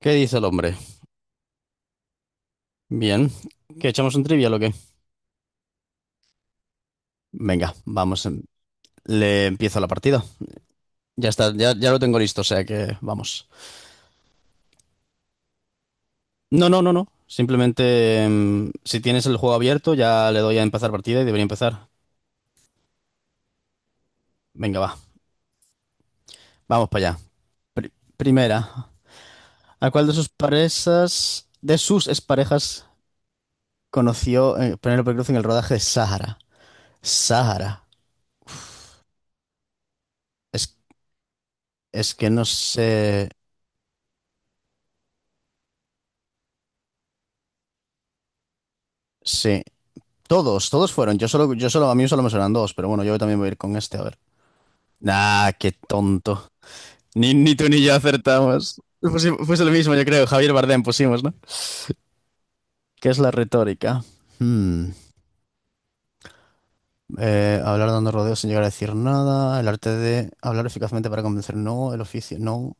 ¿Qué dice el hombre? Bien. ¿Que echamos un trivia o qué? Venga, vamos. Le empiezo la partida. Ya está, ya lo tengo listo, o sea que vamos. No, no, no, no. Simplemente, si tienes el juego abierto, ya le doy a empezar partida y debería empezar. Venga, va. Vamos para allá. Pri- primera. ¿A cuál de sus parejas, de sus exparejas, conoció Penélope Cruz en el rodaje de Sahara? Sahara. Es, es que no sé. Sí. Todos, todos fueron. A mí solo me suenan dos, pero bueno, yo también voy a ir con este, a ver. Nah, qué tonto. Ni tú ni yo acertamos. Fuese lo mismo, yo creo. Javier Bardem pusimos, ¿no? ¿Qué es la retórica? Hmm. Hablar dando rodeos sin llegar a decir nada. El arte de hablar eficazmente para convencer, no. El oficio, no.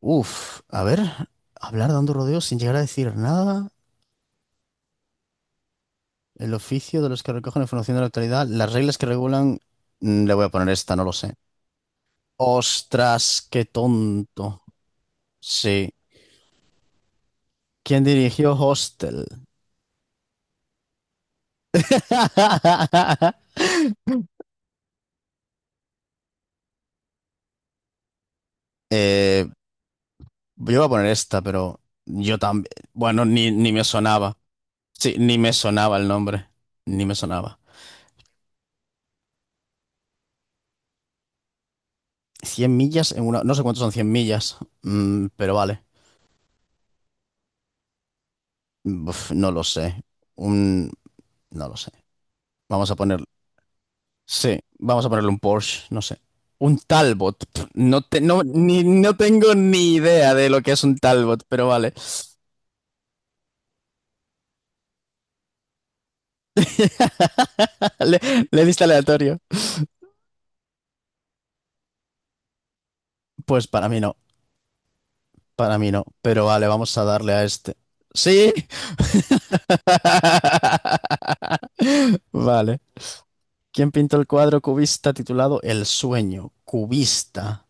Uf, a ver. Hablar dando rodeos sin llegar a decir nada. El oficio de los que recogen información de la actualidad. Las reglas que regulan. Le voy a poner esta, no lo sé. Ostras, qué tonto. Sí. ¿Quién dirigió Hostel? Eh, yo iba a poner esta, pero yo también. Bueno, ni me sonaba. Sí, ni me sonaba el nombre. Ni me sonaba. Cien millas en una. No sé cuántos son cien millas, pero vale. Uf, no lo sé. Un. No lo sé. Vamos a poner. Sí, vamos a ponerle un Porsche, no sé. Un Talbot. Pf, no, te- no, ni, no tengo ni idea de lo que es un Talbot, pero vale. Le, le diste aleatorio. Pues para mí no, para mí no. Pero vale, vamos a darle a este. ¡Sí! Vale. ¿Quién pintó el cuadro cubista titulado El sueño? Cubista.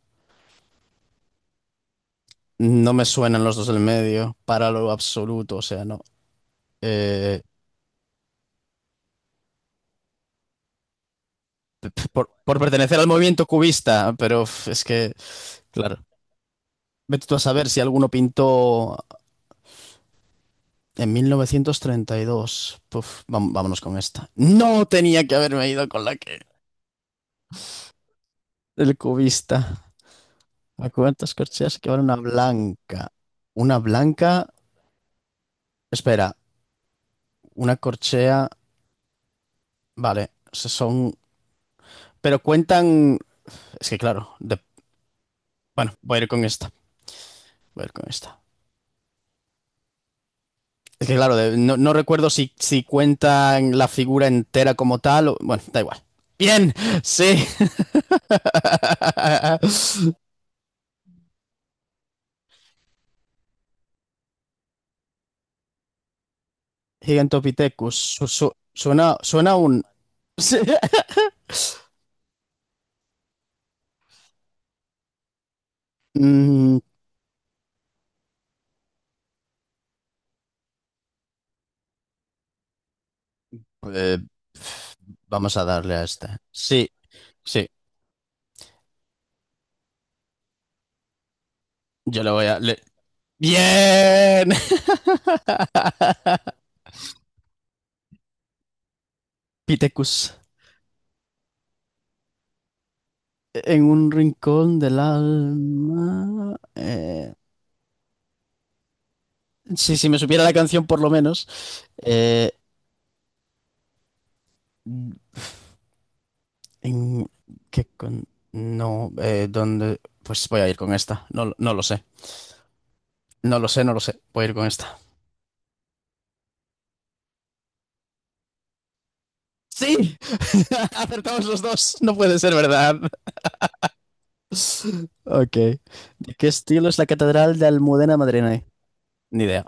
No me suenan los dos del medio, para lo absoluto, o sea, no. Eh, por pertenecer al movimiento cubista, pero uf, es que, claro. Vete tú a saber si alguno pintó en 1932. Puf, vámonos con esta. No tenía que haberme ido con la que... El cubista. ¿A cuántas corcheas que vale una blanca? Una blanca... Espera, una corchea... Vale, se son... Pero cuentan... Es que claro, bueno, voy a ir con esta. Voy a ir con esta. Es que claro, no, no recuerdo si, si cuentan la figura entera como tal o... Bueno, da igual. Bien, sí. Gigantopithecus. Suena, suena un... Mm, eh, vamos a darle a este. Sí, sí. Yo le voy a... ¡Bien! Pithecus. En un rincón del alma. Sí, si me supiera la canción por lo menos. Eh, en, ¿qué con- No, ¿dónde? Pues voy a ir con esta. No, no lo sé. No lo sé. Voy a ir con esta. Sí, acertamos los dos. No puede ser verdad. Ok. ¿De qué estilo es la Catedral de Almudena Madrileña? Ni idea.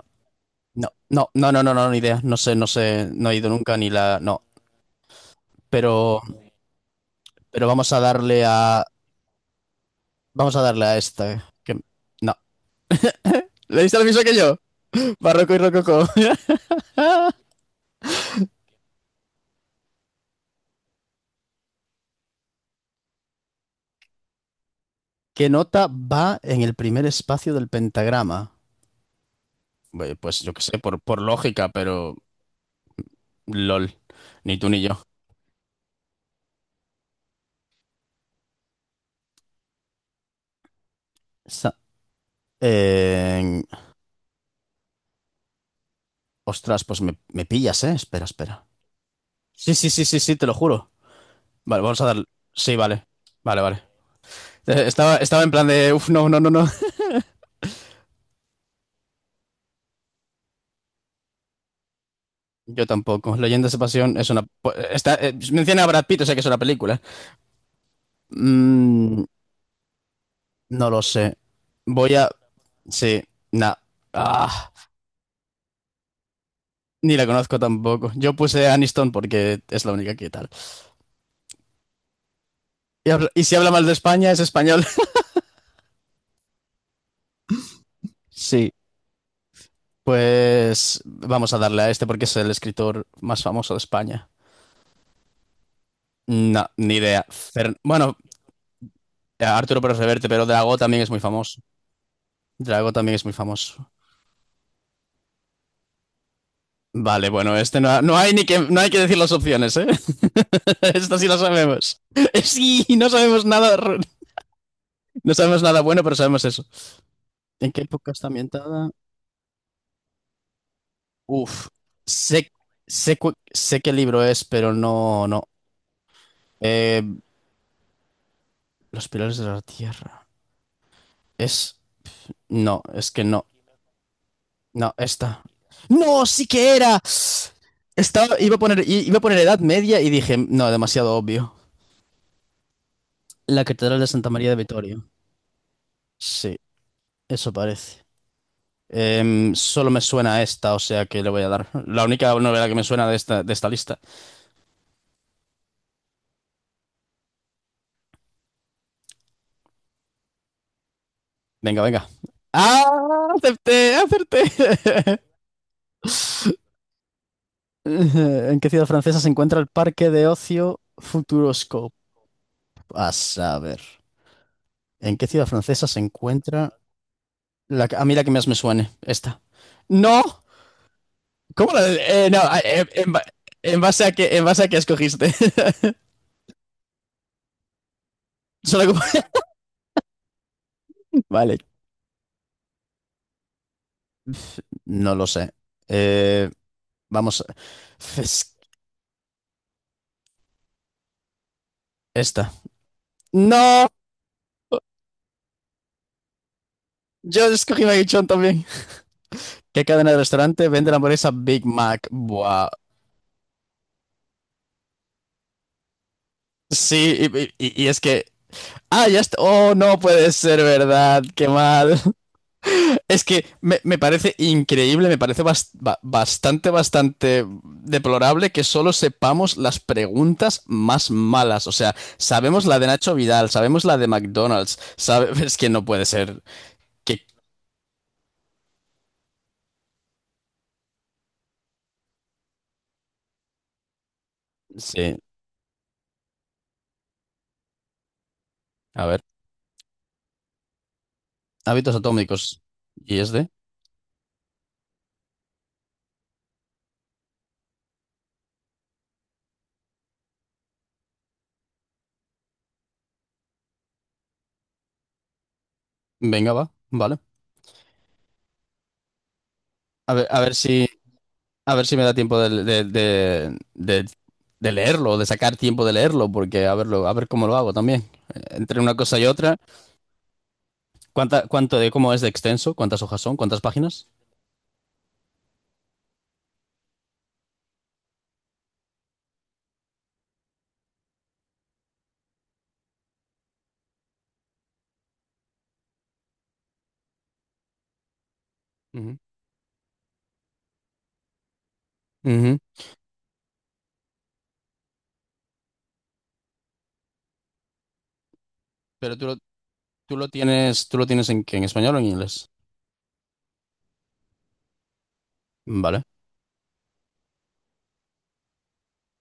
No, ni idea. No sé, no he ido nunca ni la. No. Pero, pero vamos a darle a. Vamos a darle a esta. Que... No. ¿Le diste lo mismo que yo? Barroco y rococó. ¿Qué nota va en el primer espacio del pentagrama? Bueno, pues yo qué sé, por lógica, pero. LOL. Ni tú ni yo. Eh, ostras, pues me pillas, ¿eh? Espera, espera. Sí, sí, sí, sí, sí, te lo juro. Vale, vamos a dar. Sí, vale. Vale, vale. Estaba en plan de. Uf, no, no, no, no. Yo tampoco. Leyendas de Pasión es una. Está, menciona a Brad Pitt, o sea que es una película. Mm, no lo sé. Voy a. Sí, nah. Ah, ni la conozco tampoco. Yo puse Aniston porque es la única que tal. Y si habla mal de España, es español. Sí. Pues vamos a darle a este porque es el escritor más famoso de España. No, ni idea. Bueno, Arturo Pérez Reverte, pero Drago también es muy famoso. Drago también es muy famoso. Vale, bueno, este no, no hay ni que, no hay que decir las opciones, ¿eh? Esto sí lo sabemos. Sí, no sabemos nada, no sabemos nada bueno, pero sabemos eso. ¿En qué época está ambientada? Uf, sé, sé qué libro es, pero no, no. Eh, Los pilares de la tierra. Es, no, es que no. No, esta. ¡No! ¡Sí que era! Estaba, iba a poner, i- iba a poner Edad Media y dije, no, demasiado obvio. La Catedral de Santa María de Vittorio. Sí, eso parece. Solo me suena a esta, o sea que le voy a dar. La única novela que me suena de esta lista. Venga, venga. ¡Ah! ¡Acerté! ¡Acerté! ¿En qué ciudad francesa se encuentra el parque de ocio Futuroscope? A saber. ¿En qué ciudad francesa se encuentra? A mí la que más me suene, esta. No, ¿cómo la de- no, en, ba- en base a que, en base a que escogiste. Solo como- Vale, no lo sé. Eh, vamos, es- esta. No, yo escogí Maguichón también. ¿Qué cadena de restaurante vende la hamburguesa Big Mac? Buah. Sí, y es que... Ah, ya está. Oh, no puede ser verdad, qué mal. Es que me parece increíble, me parece bastante, bastante deplorable que solo sepamos las preguntas más malas. O sea, sabemos la de Nacho Vidal, sabemos la de McDonald's, es que no puede ser que... Sí, a ver, hábitos atómicos. ¿Y es de? Venga, va, vale. A ver, a ver si, a ver si me da tiempo de leerlo, de sacar tiempo de leerlo, porque a verlo, a ver cómo lo hago también. Entre una cosa y otra. ¿Cuánto de cómo es de extenso? ¿Cuántas hojas son? ¿Cuántas páginas? Ujú, ujú. Pero tú lo, tú lo tienes en, qué, en español o en inglés. Vale.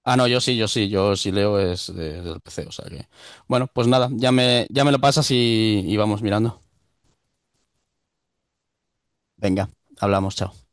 Ah, no, yo sí leo es desde el PC, o sea que. Bueno, pues nada, ya me lo pasas y vamos mirando. Venga, hablamos, chao.